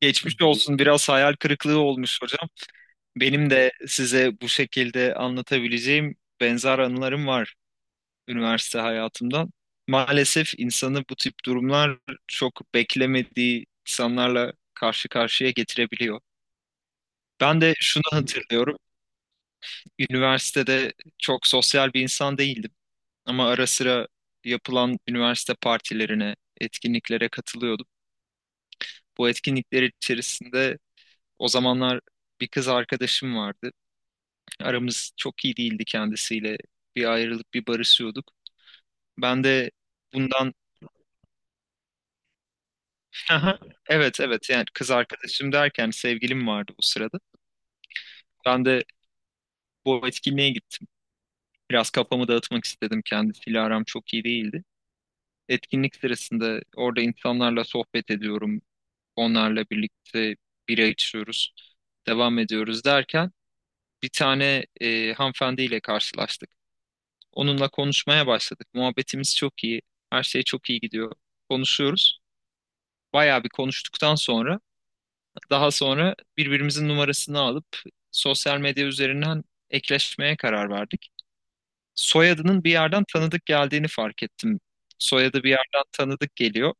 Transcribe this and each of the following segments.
Geçmiş olsun. Biraz hayal kırıklığı olmuş hocam. Benim de size bu şekilde anlatabileceğim benzer anılarım var üniversite hayatımdan. Maalesef insanı bu tip durumlar çok beklemediği insanlarla karşı karşıya getirebiliyor. Ben de şunu hatırlıyorum. Üniversitede çok sosyal bir insan değildim ama ara sıra yapılan üniversite partilerine, etkinliklere katılıyordum. Bu etkinlikler içerisinde o zamanlar bir kız arkadaşım vardı. Aramız çok iyi değildi kendisiyle. Bir ayrılıp bir barışıyorduk. Ben de bundan Aha, evet evet, yani kız arkadaşım derken sevgilim vardı o sırada. Ben de bu etkinliğe gittim. Biraz kafamı dağıtmak istedim. Kendisiyle aram çok iyi değildi. Etkinlik sırasında orada insanlarla sohbet ediyorum. Onlarla birlikte bira içiyoruz. Devam ediyoruz derken bir tane hanımefendiyle karşılaştık. Onunla konuşmaya başladık. Muhabbetimiz çok iyi. Her şey çok iyi gidiyor. Konuşuyoruz. Bayağı bir konuştuktan sonra daha sonra birbirimizin numarasını alıp sosyal medya üzerinden ekleşmeye karar verdik. Soyadının bir yerden tanıdık geldiğini fark ettim. Soyadı bir yerden tanıdık geliyor.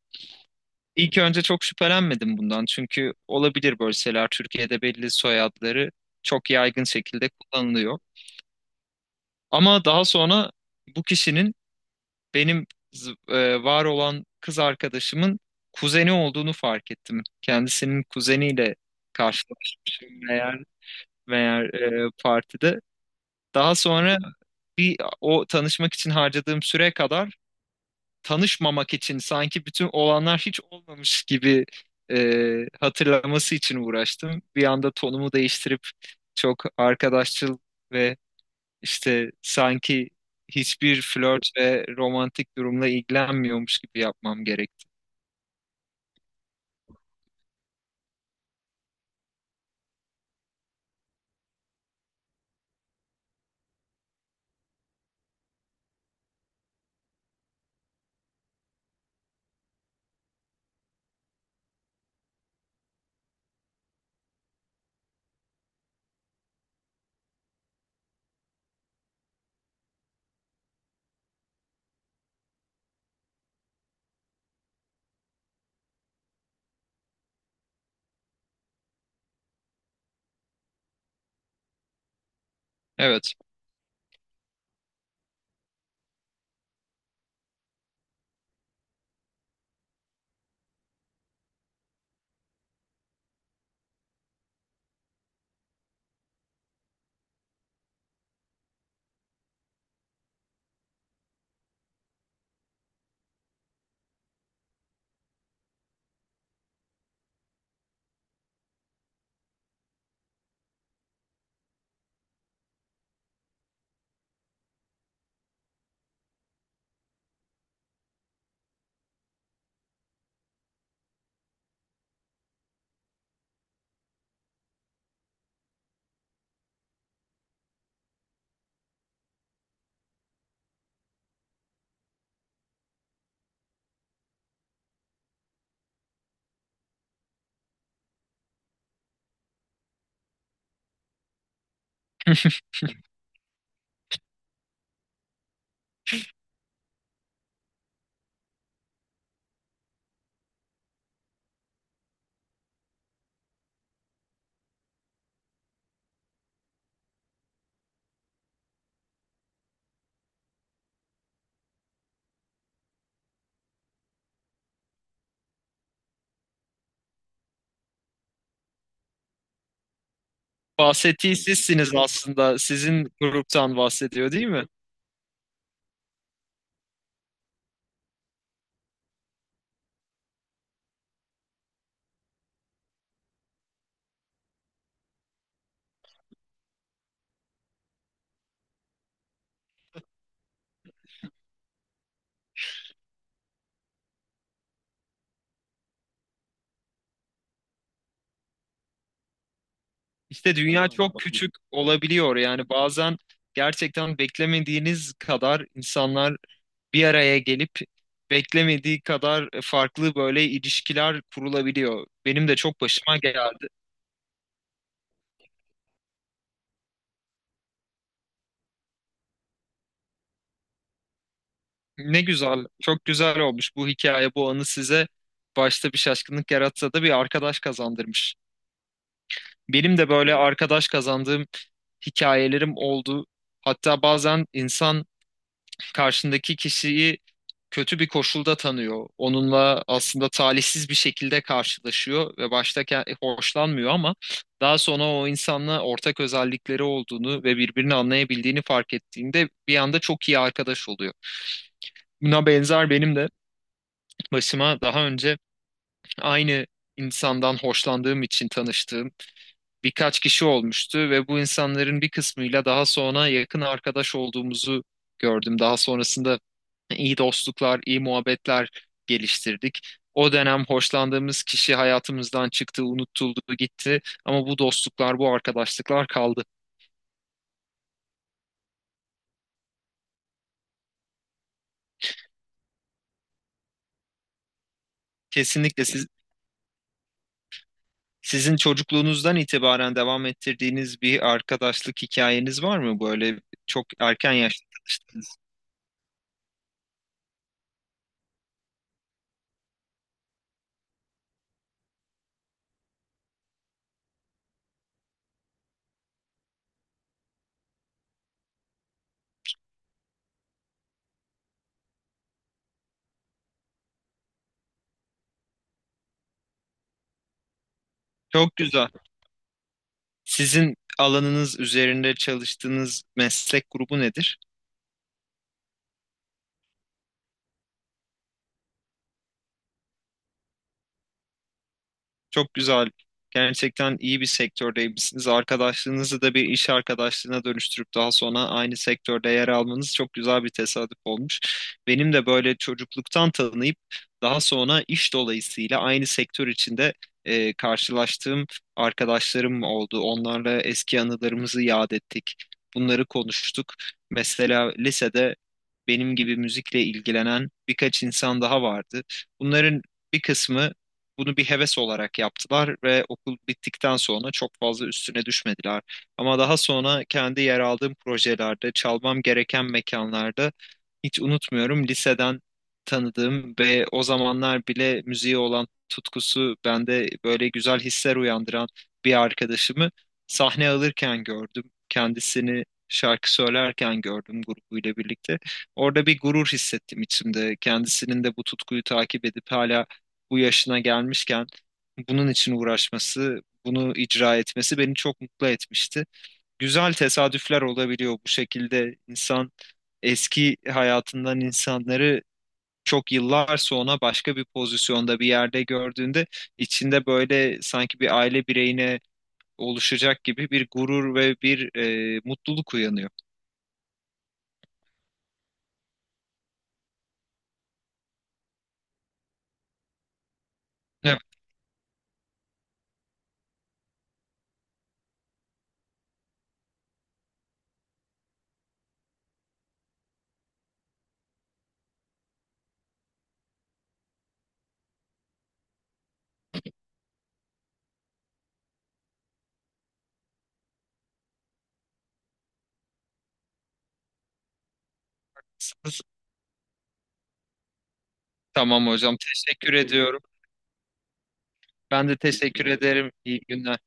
İlk önce çok şüphelenmedim bundan çünkü olabilir böyle şeyler. Türkiye'de belli soyadları çok yaygın şekilde kullanılıyor. Ama daha sonra bu kişinin benim var olan kız arkadaşımın kuzeni olduğunu fark ettim. Kendisinin kuzeniyle karşılaşmışım meğer, meğer partide. Daha sonra bir o tanışmak için harcadığım süre kadar tanışmamak için sanki bütün olanlar hiç olmamış gibi hatırlaması için uğraştım. Bir anda tonumu değiştirip çok arkadaşçıl ve işte sanki hiçbir flört ve romantik durumla ilgilenmiyormuş gibi yapmam gerekti. Evet. Bahsettiği sizsiniz aslında. Sizin gruptan bahsediyor, değil mi? İşte dünya çok küçük olabiliyor. Yani bazen gerçekten beklemediğiniz kadar insanlar bir araya gelip beklemediği kadar farklı böyle ilişkiler kurulabiliyor. Benim de çok başıma geldi. Ne güzel, çok güzel olmuş bu hikaye, bu anı size başta bir şaşkınlık yaratsa da bir arkadaş kazandırmış. Benim de böyle arkadaş kazandığım hikayelerim oldu. Hatta bazen insan karşındaki kişiyi kötü bir koşulda tanıyor. Onunla aslında talihsiz bir şekilde karşılaşıyor ve başta hoşlanmıyor ama daha sonra o insanla ortak özellikleri olduğunu ve birbirini anlayabildiğini fark ettiğinde bir anda çok iyi arkadaş oluyor. Buna benzer benim de başıma daha önce aynı insandan hoşlandığım için tanıştığım birkaç kişi olmuştu ve bu insanların bir kısmıyla daha sonra yakın arkadaş olduğumuzu gördüm. Daha sonrasında iyi dostluklar, iyi muhabbetler geliştirdik. O dönem hoşlandığımız kişi hayatımızdan çıktı, unutuldu, gitti ama bu dostluklar, bu arkadaşlıklar kaldı. Kesinlikle siz, sizin çocukluğunuzdan itibaren devam ettirdiğiniz bir arkadaşlık hikayeniz var mı böyle çok erken yaşta? Çok güzel. Sizin alanınız üzerinde çalıştığınız meslek grubu nedir? Çok güzel. Gerçekten iyi bir sektördeymişsiniz. Arkadaşlığınızı da bir iş arkadaşlığına dönüştürüp daha sonra aynı sektörde yer almanız çok güzel bir tesadüf olmuş. Benim de böyle çocukluktan tanıyıp daha sonra iş dolayısıyla aynı sektör içinde karşılaştığım arkadaşlarım oldu. Onlarla eski anılarımızı yad ettik. Bunları konuştuk. Mesela lisede benim gibi müzikle ilgilenen birkaç insan daha vardı. Bunların bir kısmı bunu bir heves olarak yaptılar ve okul bittikten sonra çok fazla üstüne düşmediler. Ama daha sonra kendi yer aldığım projelerde, çalmam gereken mekanlarda hiç unutmuyorum liseden tanıdığım ve o zamanlar bile müziğe olan tutkusu bende böyle güzel hisler uyandıran bir arkadaşımı sahne alırken gördüm. Kendisini şarkı söylerken gördüm grubuyla birlikte. Orada bir gurur hissettim içimde. Kendisinin de bu tutkuyu takip edip hala bu yaşına gelmişken bunun için uğraşması, bunu icra etmesi beni çok mutlu etmişti. Güzel tesadüfler olabiliyor bu şekilde. İnsan eski hayatından insanları çok yıllar sonra başka bir pozisyonda bir yerde gördüğünde içinde böyle sanki bir aile bireyine oluşacak gibi bir gurur ve bir mutluluk uyanıyor. Evet. Tamam hocam, teşekkür ediyorum. Ben de teşekkür ederim. İyi günler.